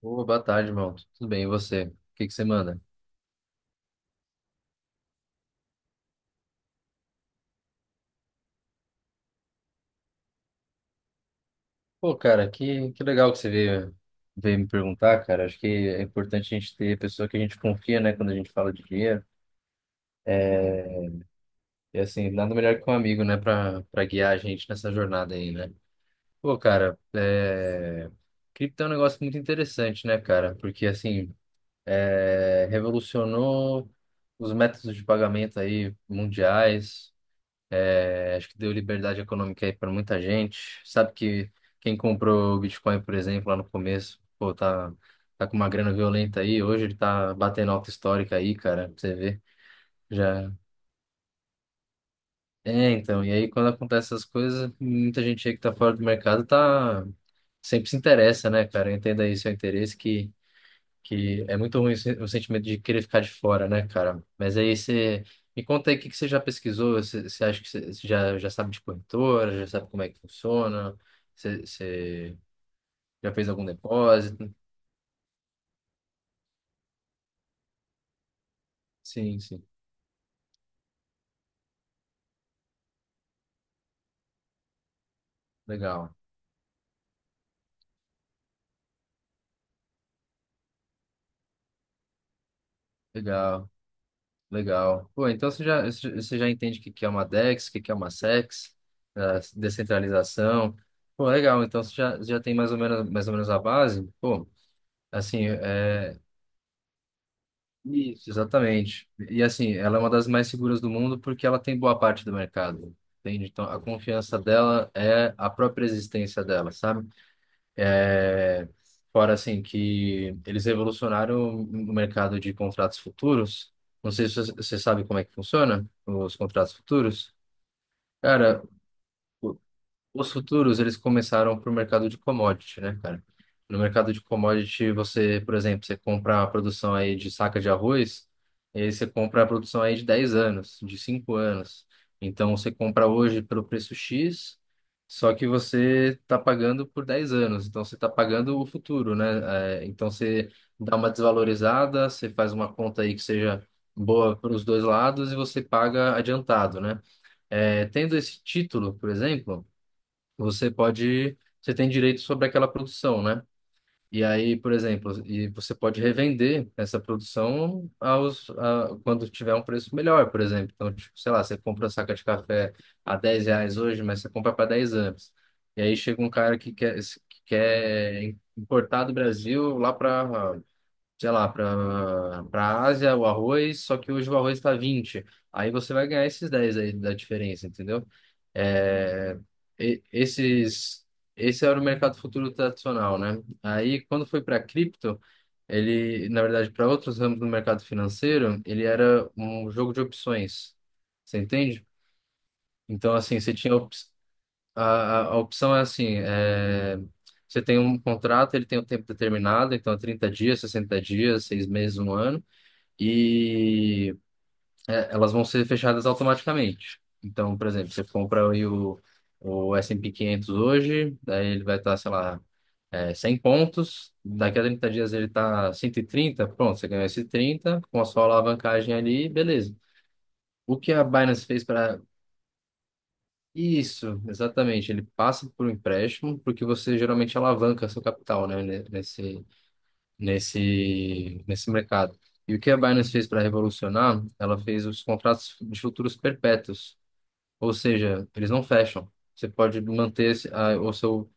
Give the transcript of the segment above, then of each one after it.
Ô, boa tarde, irmão. Tudo bem, e você? O que que você manda? Pô, cara, que legal que você veio me perguntar, cara. Acho que é importante a gente ter pessoa que a gente confia, né, quando a gente fala de dinheiro. É, e assim, nada melhor que um amigo, né, pra guiar a gente nessa jornada aí, né? Pô, cara, cripto é um negócio muito interessante, né, cara? Porque, assim, revolucionou os métodos de pagamento aí mundiais. Acho que deu liberdade econômica aí para muita gente. Sabe que quem comprou o Bitcoin, por exemplo, lá no começo, pô, tá com uma grana violenta aí. Hoje ele tá batendo alta histórica aí, cara, pra você ver. Já. É, então. E aí, quando acontecem essas coisas, muita gente aí que tá fora do mercado tá. Sempre se interessa, né, cara? Entenda aí seu interesse que é muito ruim o sentimento de querer ficar de fora, né, cara? Mas aí você me conta aí o que que você já pesquisou, você acha que você já sabe de corretora, já sabe como é que funciona, você já fez algum depósito? Sim, sim, legal, legal, legal. Pô, então você já entende o que que é uma DEX, o que que é uma SEX, a descentralização. Pô, legal, então você já tem mais ou menos a base, pô. Assim, isso, exatamente. E assim, ela é uma das mais seguras do mundo porque ela tem boa parte do mercado. Entende? Então, a confiança dela é a própria existência dela, sabe? é Fora assim que eles revolucionaram o mercado de contratos futuros. Não sei se você sabe como é que funciona os contratos futuros. Cara, os futuros, eles começaram para o mercado de commodity, né, cara? No mercado de commodity, você, por exemplo, você compra a produção aí de saca de arroz, e aí você compra a produção aí de 10 anos, de 5 anos. Então, você compra hoje pelo preço X, só que você está pagando por 10 anos. Então, você está pagando o futuro, né? É, então, você dá uma desvalorizada, você faz uma conta aí que seja boa para os dois lados e você paga adiantado, né? Tendo esse título, por exemplo, você pode, você tem direito sobre aquela produção, né? E aí, por exemplo, e você pode revender essa produção quando tiver um preço melhor, por exemplo. Então, tipo, sei lá, você compra a saca de café a R$ 10 hoje, mas você compra para 10 anos. E aí chega um cara que quer importar do Brasil lá para sei lá, para Ásia, o arroz, só que hoje o arroz está 20. Aí você vai ganhar esses 10 aí da diferença, entendeu? É, e- esses, Esse era o mercado futuro tradicional, né? Aí quando foi para cripto, ele, na verdade, para outros ramos do mercado financeiro, ele era um jogo de opções. Você entende? Então, assim, você tinha a opção é assim, você tem um contrato, ele tem um tempo determinado, então é 30 dias, 60 dias, 6 meses, um ano, e elas vão ser fechadas automaticamente. Então, por exemplo, você compra aí o S&P 500 hoje, daí ele vai estar, sei lá, 100 pontos, daqui a 30 dias ele está 130, pronto, você ganhou esse 30 com a sua alavancagem ali, beleza. O que a Binance fez para. Isso, exatamente. Ele passa por um empréstimo, porque você geralmente alavanca seu capital, né, nesse mercado. E o que a Binance fez para revolucionar, ela fez os contratos de futuros perpétuos, ou seja, eles não fecham. Você pode manter o seu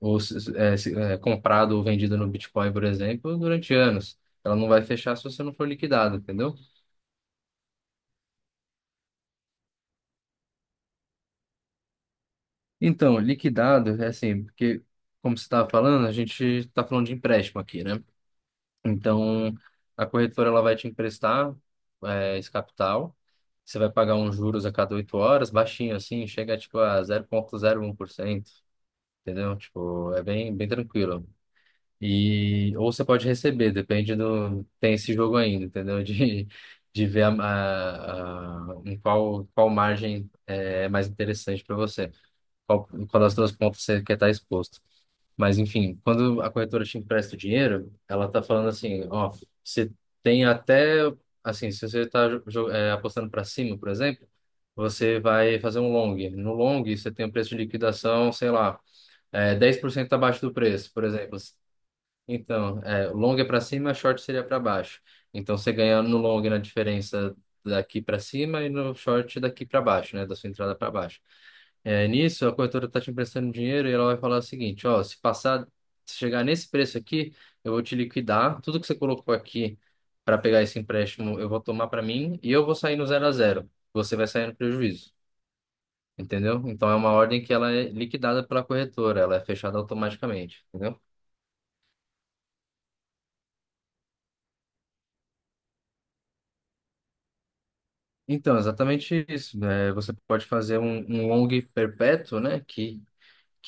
o, se- é, se- é, comprado ou vendido no Bitcoin, por exemplo, durante anos. Ela não vai fechar se você não for liquidado, entendeu? Então, liquidado é assim, porque, como você estava falando, a gente está falando de empréstimo aqui, né? Então, a corretora ela vai te emprestar esse capital. Você vai pagar uns juros a cada 8 horas, baixinho assim, chega tipo a 0,01%, entendeu? Tipo, é bem, bem tranquilo. E, ou você pode receber, depende do. Tem esse jogo ainda, entendeu? De ver em qual margem é mais interessante para você, qual das duas pontas você quer estar exposto. Mas, enfim, quando a corretora te empresta o dinheiro, ela tá falando assim, ó, você tem até, assim, se você tá apostando para cima, por exemplo, você vai fazer um long. No long, você tem um preço de liquidação, sei lá, 10% abaixo do preço, por exemplo. Então, long é para cima, short seria para baixo. Então, você ganha no long na diferença daqui para cima e no short daqui para baixo, né? Da sua entrada para baixo. É, nisso, a corretora está te emprestando dinheiro e ela vai falar o seguinte: ó, se chegar nesse preço aqui, eu vou te liquidar. Tudo que você colocou aqui para pegar esse empréstimo, eu vou tomar para mim e eu vou sair no 0-0. Você vai sair no prejuízo, entendeu? Então, é uma ordem que ela é liquidada pela corretora, ela é fechada automaticamente, entendeu? Então, exatamente isso, né? Você pode fazer um, long perpétuo, né? Que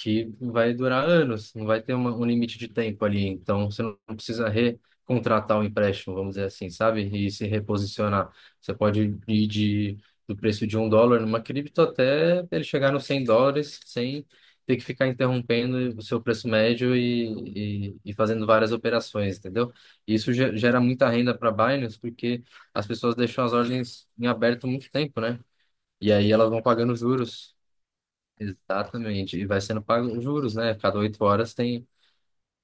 que vai durar anos, não vai ter um limite de tempo ali. Então, você não precisa recontratar o empréstimo, vamos dizer assim, sabe? E se reposicionar. Você pode ir do preço de US$ 1 numa cripto até ele chegar nos US$ 100 sem ter que ficar interrompendo o seu preço médio e fazendo várias operações, entendeu? E isso gera muita renda para Binance porque as pessoas deixam as ordens em aberto muito tempo, né? E aí elas vão pagando juros. Exatamente. E vai sendo pago os juros, né? Cada oito horas tem,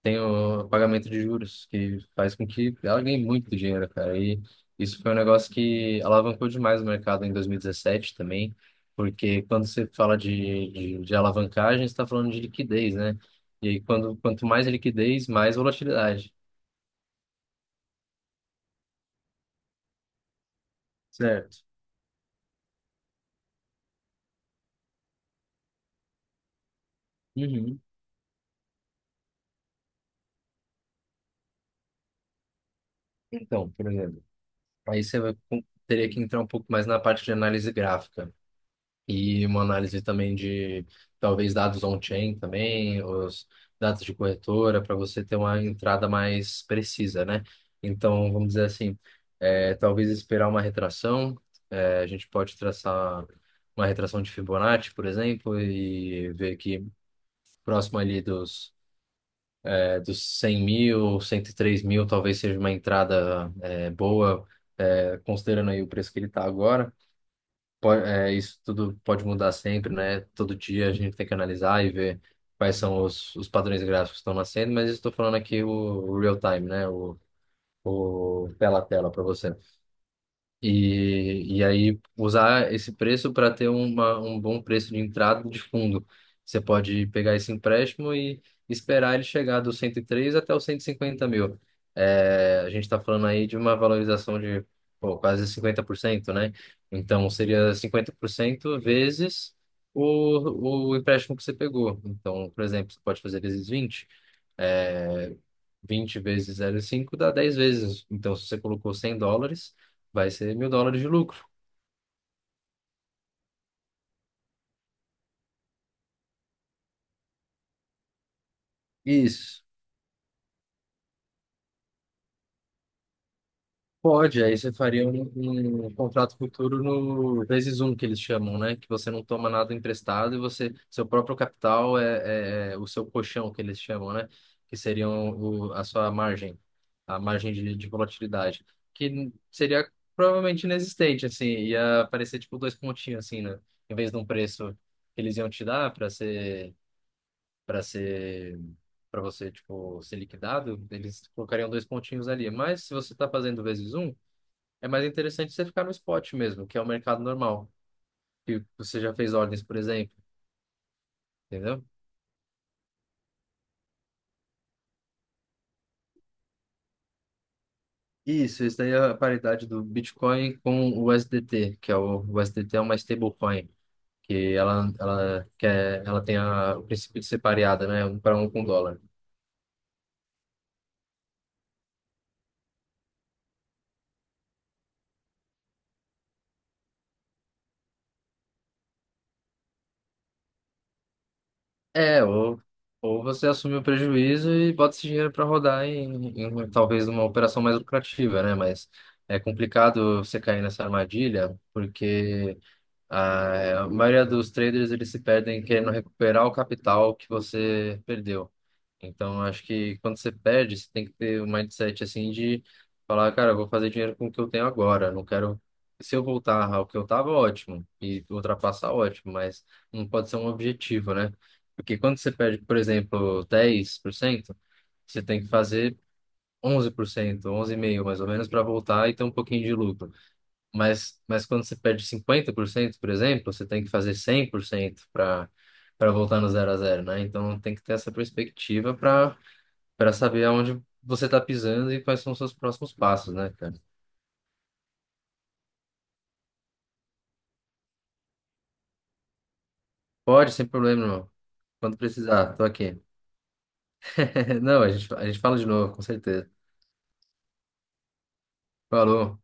tem o pagamento de juros, que faz com que ela ganhe muito dinheiro, cara. E isso foi um negócio que alavancou demais o mercado em 2017 também, porque quando você fala de alavancagem, você está falando de liquidez, né? E aí, quanto mais liquidez, mais volatilidade. Certo. Uhum. Então, por exemplo, aí você teria que entrar um pouco mais na parte de análise gráfica. E uma análise também de talvez dados on-chain também, os dados de corretora, para você ter uma entrada mais precisa, né? Então, vamos dizer assim, talvez esperar uma retração, a gente pode traçar uma retração de Fibonacci, por exemplo, e ver que próximo ali dos 100 mil, 103 mil, talvez seja uma entrada, boa, considerando aí o preço que ele está agora isso tudo pode mudar sempre, né? Todo dia a gente tem que analisar e ver quais são os padrões gráficos que estão nascendo, mas estou falando aqui o real time, né? O tela a tela para você. E aí usar esse preço para ter um bom preço de entrada de fundo. Você pode pegar esse empréstimo e esperar ele chegar dos 103 até os 150 mil. É, a gente está falando aí de uma valorização de pô, quase 50%, né? Então seria 50% vezes o empréstimo que você pegou. Então, por exemplo, você pode fazer vezes 20 é, 20 vezes 0,5 dá 10 vezes. Então, se você colocou US$ 100, vai ser US$ 1.000 de lucro. Isso. Pode, aí você faria um, contrato futuro no vezes um que eles chamam, né? Que você não toma nada emprestado e você, seu próprio capital é, é o seu colchão que eles chamam, né? Que seriam a sua margem, a margem de volatilidade, que seria provavelmente inexistente, assim, ia aparecer tipo dois pontinhos, assim, né? Em vez de um preço que eles iam te dar para ser para você tipo ser liquidado, eles colocariam dois pontinhos ali. Mas se você está fazendo vezes um, é mais interessante você ficar no spot mesmo, que é o mercado normal, que você já fez ordens, por exemplo, entendeu? Isso daí é a paridade do Bitcoin com o USDT, que é o USDT é uma stablecoin, que ela tem o princípio de ser pareada, né, um para um com o dólar. É, ou, ou você assume o prejuízo e bota esse dinheiro para rodar em talvez uma operação mais lucrativa, né? Mas é complicado você cair nessa armadilha, porque. Ah, a maioria dos traders eles se perdem querendo recuperar o capital que você perdeu. Então, acho que quando você perde, você tem que ter um mindset assim de falar, cara, eu vou fazer dinheiro com o que eu tenho agora. Não quero. Se eu voltar ao que eu tava, ótimo. E ultrapassar, ótimo. Mas não pode ser um objetivo, né? Porque quando você perde, por exemplo, 10% você tem que fazer 11%, 11,5% mais ou menos, para voltar e ter um pouquinho de lucro. Mas quando você perde 50% por exemplo, você tem que fazer 100% para voltar no 0-0, né? Então tem que ter essa perspectiva para saber aonde você está pisando e quais são os seus próximos passos, né, cara? Pode, sem problema, irmão. Quando precisar, tô aqui. Não, a gente fala de novo, com certeza. Falou.